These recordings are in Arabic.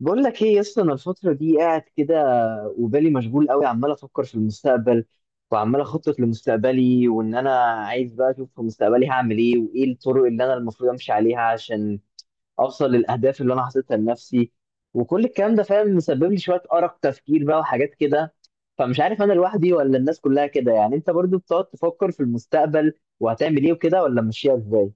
بقول لك ايه يا اسطى، انا الفتره دي قاعد كده وبالي مشغول قوي، عمال افكر في المستقبل وعمال اخطط لمستقبلي، وان انا عايز بقى اشوف في مستقبلي هعمل ايه وايه الطرق اللي انا المفروض امشي عليها عشان اوصل للاهداف اللي انا حاططها لنفسي. وكل الكلام ده فاهم مسبب لي شويه ارق تفكير بقى وحاجات كده. فمش عارف انا لوحدي ولا الناس كلها كده، يعني انت برضو بتقعد تفكر في المستقبل وهتعمل ايه وكده ولا ماشيها ازاي؟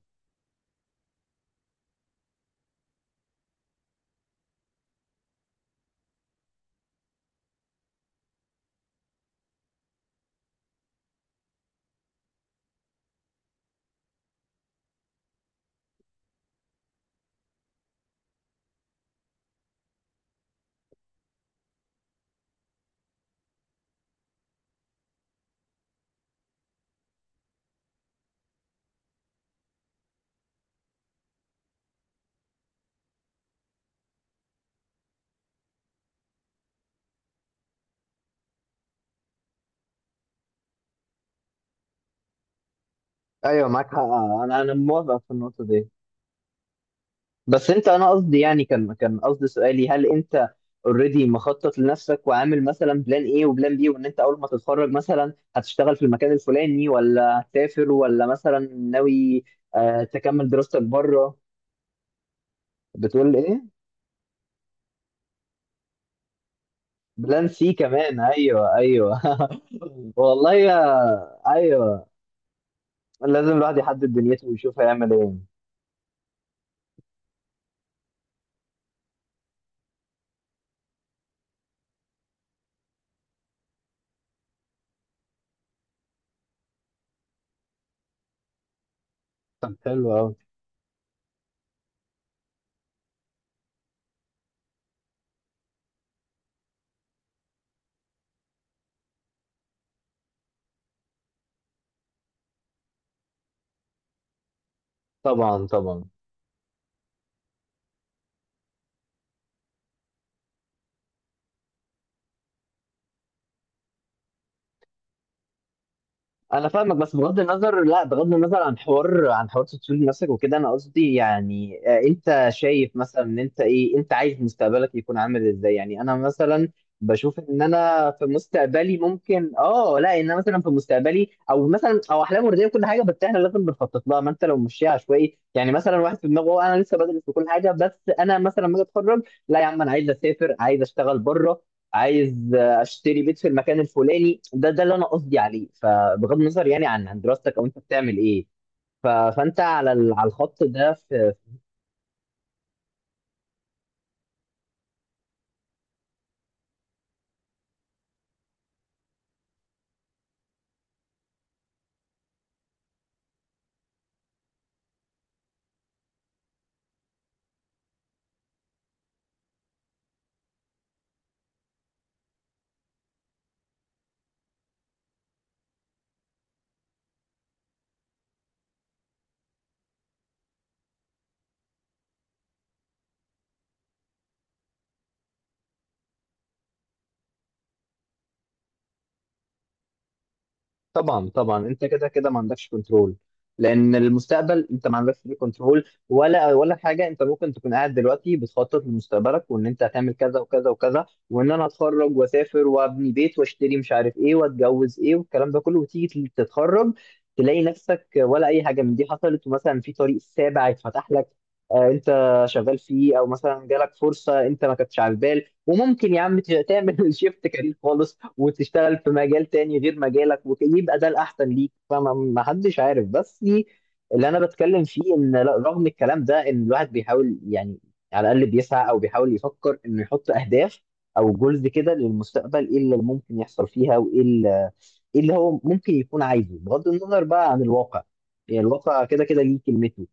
ايوه معاك حق. انا موافق في النقطه دي. بس انت، انا قصدي يعني، كان قصدي سؤالي، هل انت اوريدي مخطط لنفسك وعامل مثلا بلان ايه وبلان بي، وان انت اول ما تتخرج مثلا هتشتغل في المكان الفلاني ولا هتسافر ولا مثلا ناوي آه تكمل دراستك بره؟ بتقول ايه؟ بلان سي كمان، ايوه ايوه والله يا، ايوه، لازم الواحد يحدد دنيته ويشوف هيعمل ايه. طب حلو قوي. طبعا طبعا. انا فاهمك، بس بغض النظر، لا بغض النظر عن حوار تطوير نفسك وكده. انا قصدي يعني، انت شايف مثلا ان انت ايه، انت عايز مستقبلك يكون عامل ازاي؟ يعني انا مثلا بشوف ان انا في مستقبلي ممكن، لا، ان انا مثلا في مستقبلي، او مثلا او احلام ورديه وكل حاجه، بس احنا لازم بنخطط لها. ما انت لو مشيها عشوائي، يعني مثلا واحد في دماغه "أه، انا لسه بدرس وكل حاجه، بس انا مثلا لما اجي اتخرج، لا يا عم انا عايز اسافر، عايز اشتغل بره، عايز اشتري بيت في المكان الفلاني. ده اللي انا قصدي عليه. فبغض النظر يعني عن دراستك او انت بتعمل ايه، فانت على على الخط ده في. طبعا طبعا، انت كده كده ما عندكش كنترول، لان المستقبل انت ما عندكش فيه كنترول ولا حاجه. انت ممكن تكون قاعد دلوقتي بتخطط لمستقبلك وان انت هتعمل كذا وكذا وكذا، وان انا اتخرج واسافر وابني بيت واشتري مش عارف ايه واتجوز ايه والكلام ده كله، وتيجي تتخرج تلاقي نفسك ولا اي حاجه من دي حصلت، ومثلا في طريق سابع اتفتح لك انت شغال فيه، او مثلا جالك فرصه انت ما كنتش على البال، وممكن يا عم تعمل شيفت كارير خالص وتشتغل في مجال تاني غير مجالك ويبقى ده الأحسن ليك. فما ما حدش عارف. بس دي اللي أنا بتكلم فيه، إن رغم الكلام ده إن الواحد بيحاول يعني على الأقل بيسعى أو بيحاول يفكر إنه يحط أهداف أو جولز كده للمستقبل، إيه اللي ممكن يحصل فيها، وإيه اللي هو ممكن يكون عايزه بغض النظر بقى عن الواقع. يعني الواقع كده كده ليه كلمته.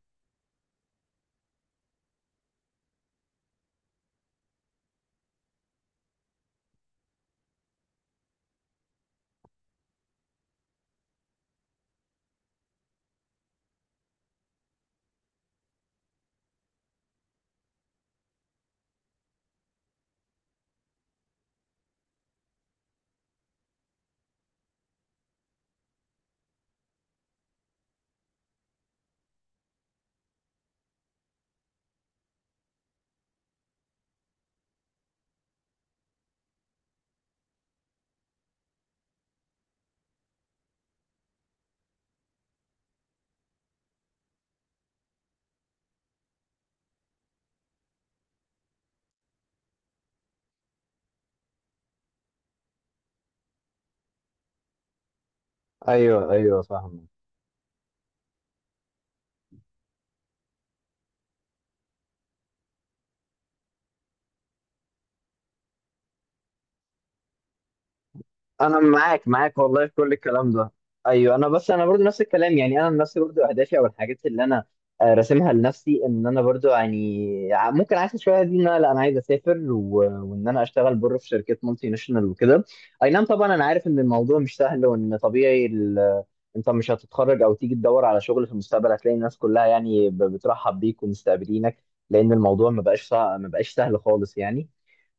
ايوه ايوه فاهم. انا معاك والله في كل الكلام ده. ايوه، انا بس انا برضو نفس الكلام، يعني انا نفسي برضو اهدافي او الحاجات اللي انا راسمها لنفسي، ان انا برضو يعني ممكن عايز شويه دي، ان انا لا انا عايز اسافر، وان انا اشتغل بره في شركات مالتي ناشونال وكده. اي نعم، طبعا انا عارف ان الموضوع مش سهل، وان طبيعي، انت مش هتتخرج او تيجي تدور على شغل في المستقبل هتلاقي الناس كلها يعني بترحب بيك ومستقبلينك، لان الموضوع ما بقاش سهل خالص يعني.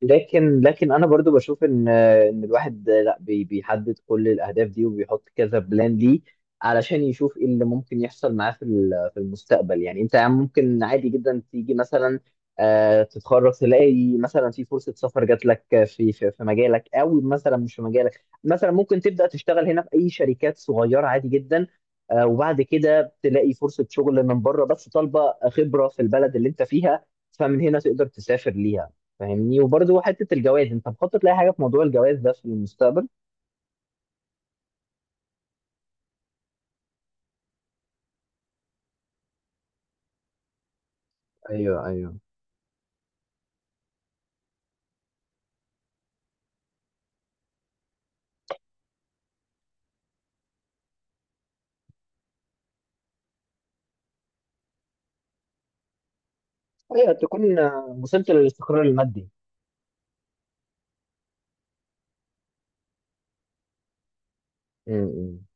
لكن انا برضو بشوف ان، ان الواحد، لا بيحدد كل الاهداف دي وبيحط كذا بلان ليه علشان يشوف ايه اللي ممكن يحصل معاه في المستقبل. يعني انت ممكن عادي جدا تيجي مثلا، تتخرج تلاقي مثلا في فرصة سفر جات لك في مجالك، او مثلا مش في مجالك، مثلا ممكن تبدأ تشتغل هنا في اي شركات صغيرة عادي جدا. وبعد كده تلاقي فرصة شغل من بره بس طالبة خبرة في البلد اللي انت فيها، فمن هنا تقدر تسافر ليها فاهمني. وبرضه حته الجواز، انت مخطط لاي حاجه في موضوع الجواز ده في المستقبل؟ ايوه ايوه ايوه، تكون وصلت للاستقرار المادي. امم.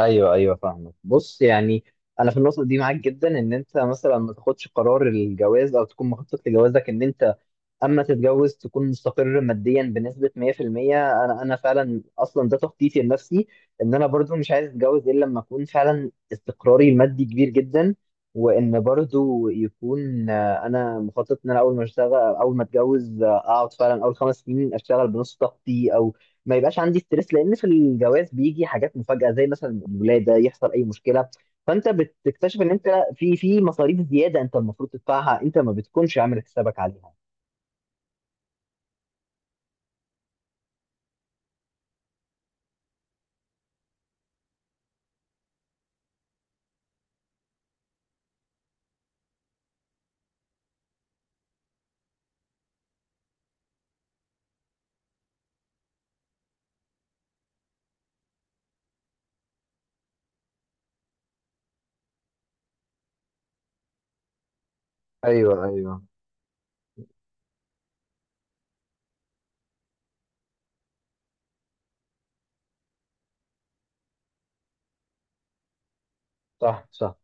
ايوه ايوه فاهمك. بص يعني، انا في النقطه دي معاك جدا، ان انت مثلا ما تاخدش قرار الجواز او تكون مخطط لجوازك، ان انت اما تتجوز تكون مستقر ماديا بنسبه 100%. انا فعلا اصلا ده تخطيطي لنفسي، ان انا برضو مش عايز اتجوز الا لما اكون فعلا استقراري المادي كبير جدا، وان برضو يكون، انا مخطط ان انا اول ما اشتغل اول ما اتجوز، اقعد فعلا اول خمس سنين اشتغل بنص طاقتي، او ما يبقاش عندي ستريس، لان في الجواز بيجي حاجات مفاجاه زي مثلا الولاده، يحصل اي مشكله فانت بتكتشف ان انت في مصاريف زياده انت المفروض تدفعها، انت ما بتكونش عامل حسابك عليها. ايوه ايوه صح صح.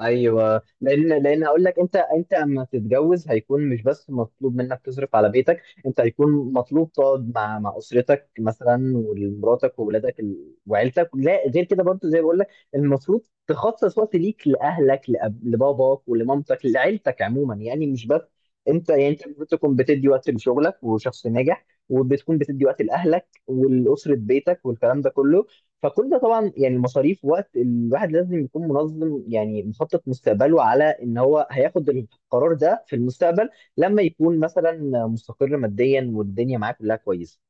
ايوه، لان هقول لك، انت اما تتجوز هيكون مش بس مطلوب منك تصرف على بيتك، انت هيكون مطلوب تقعد مع اسرتك مثلا، ومراتك وولادك وعيلتك، لا غير كده برضه زي ما بقول لك، المفروض تخصص وقت ليك لاهلك، لباباك ولمامتك، لعيلتك عموما، يعني مش بس انت. يعني انت المفروض تكون بتدي وقت لشغلك وشخص ناجح، وبتكون بتدي وقت لاهلك ولاسره بيتك والكلام ده كله. فكل ده طبعا يعني المصاريف، وقت الواحد لازم يكون منظم يعني مخطط مستقبله على ان هو هياخد القرار ده في المستقبل لما يكون مثلا مستقر ماديا والدنيا معاه كلها كويسه،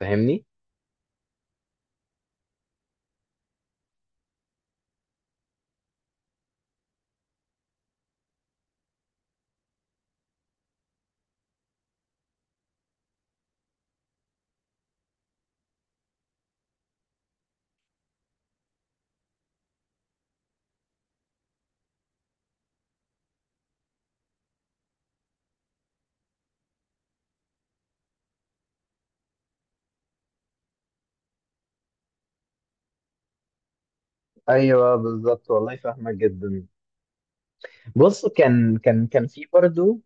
فاهمني؟ ايوه بالظبط والله، فاهمك جدا. بص كان في برضو،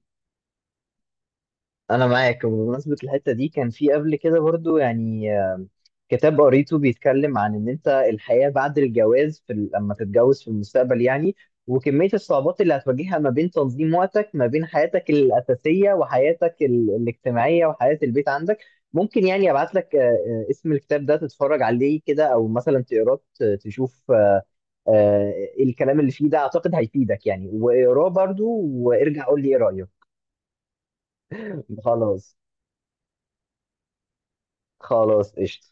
انا معاك. وبمناسبة الحتة دي، كان في قبل كده برضو يعني، كتاب قريته بيتكلم عن ان انت الحياة بعد الجواز، لما تتجوز في المستقبل يعني، وكمية الصعوبات اللي هتواجهها ما بين تنظيم وقتك، ما بين حياتك الأساسية وحياتك الاجتماعية وحياة البيت عندك. ممكن يعني ابعت لك، اسم الكتاب ده، تتفرج عليه كده او مثلا تقراه، تشوف آه، الكلام اللي فيه ده، اعتقد هيفيدك يعني، واقراه برضو وارجع قول لي ايه رأيك. خلاص، خلاص قشطة.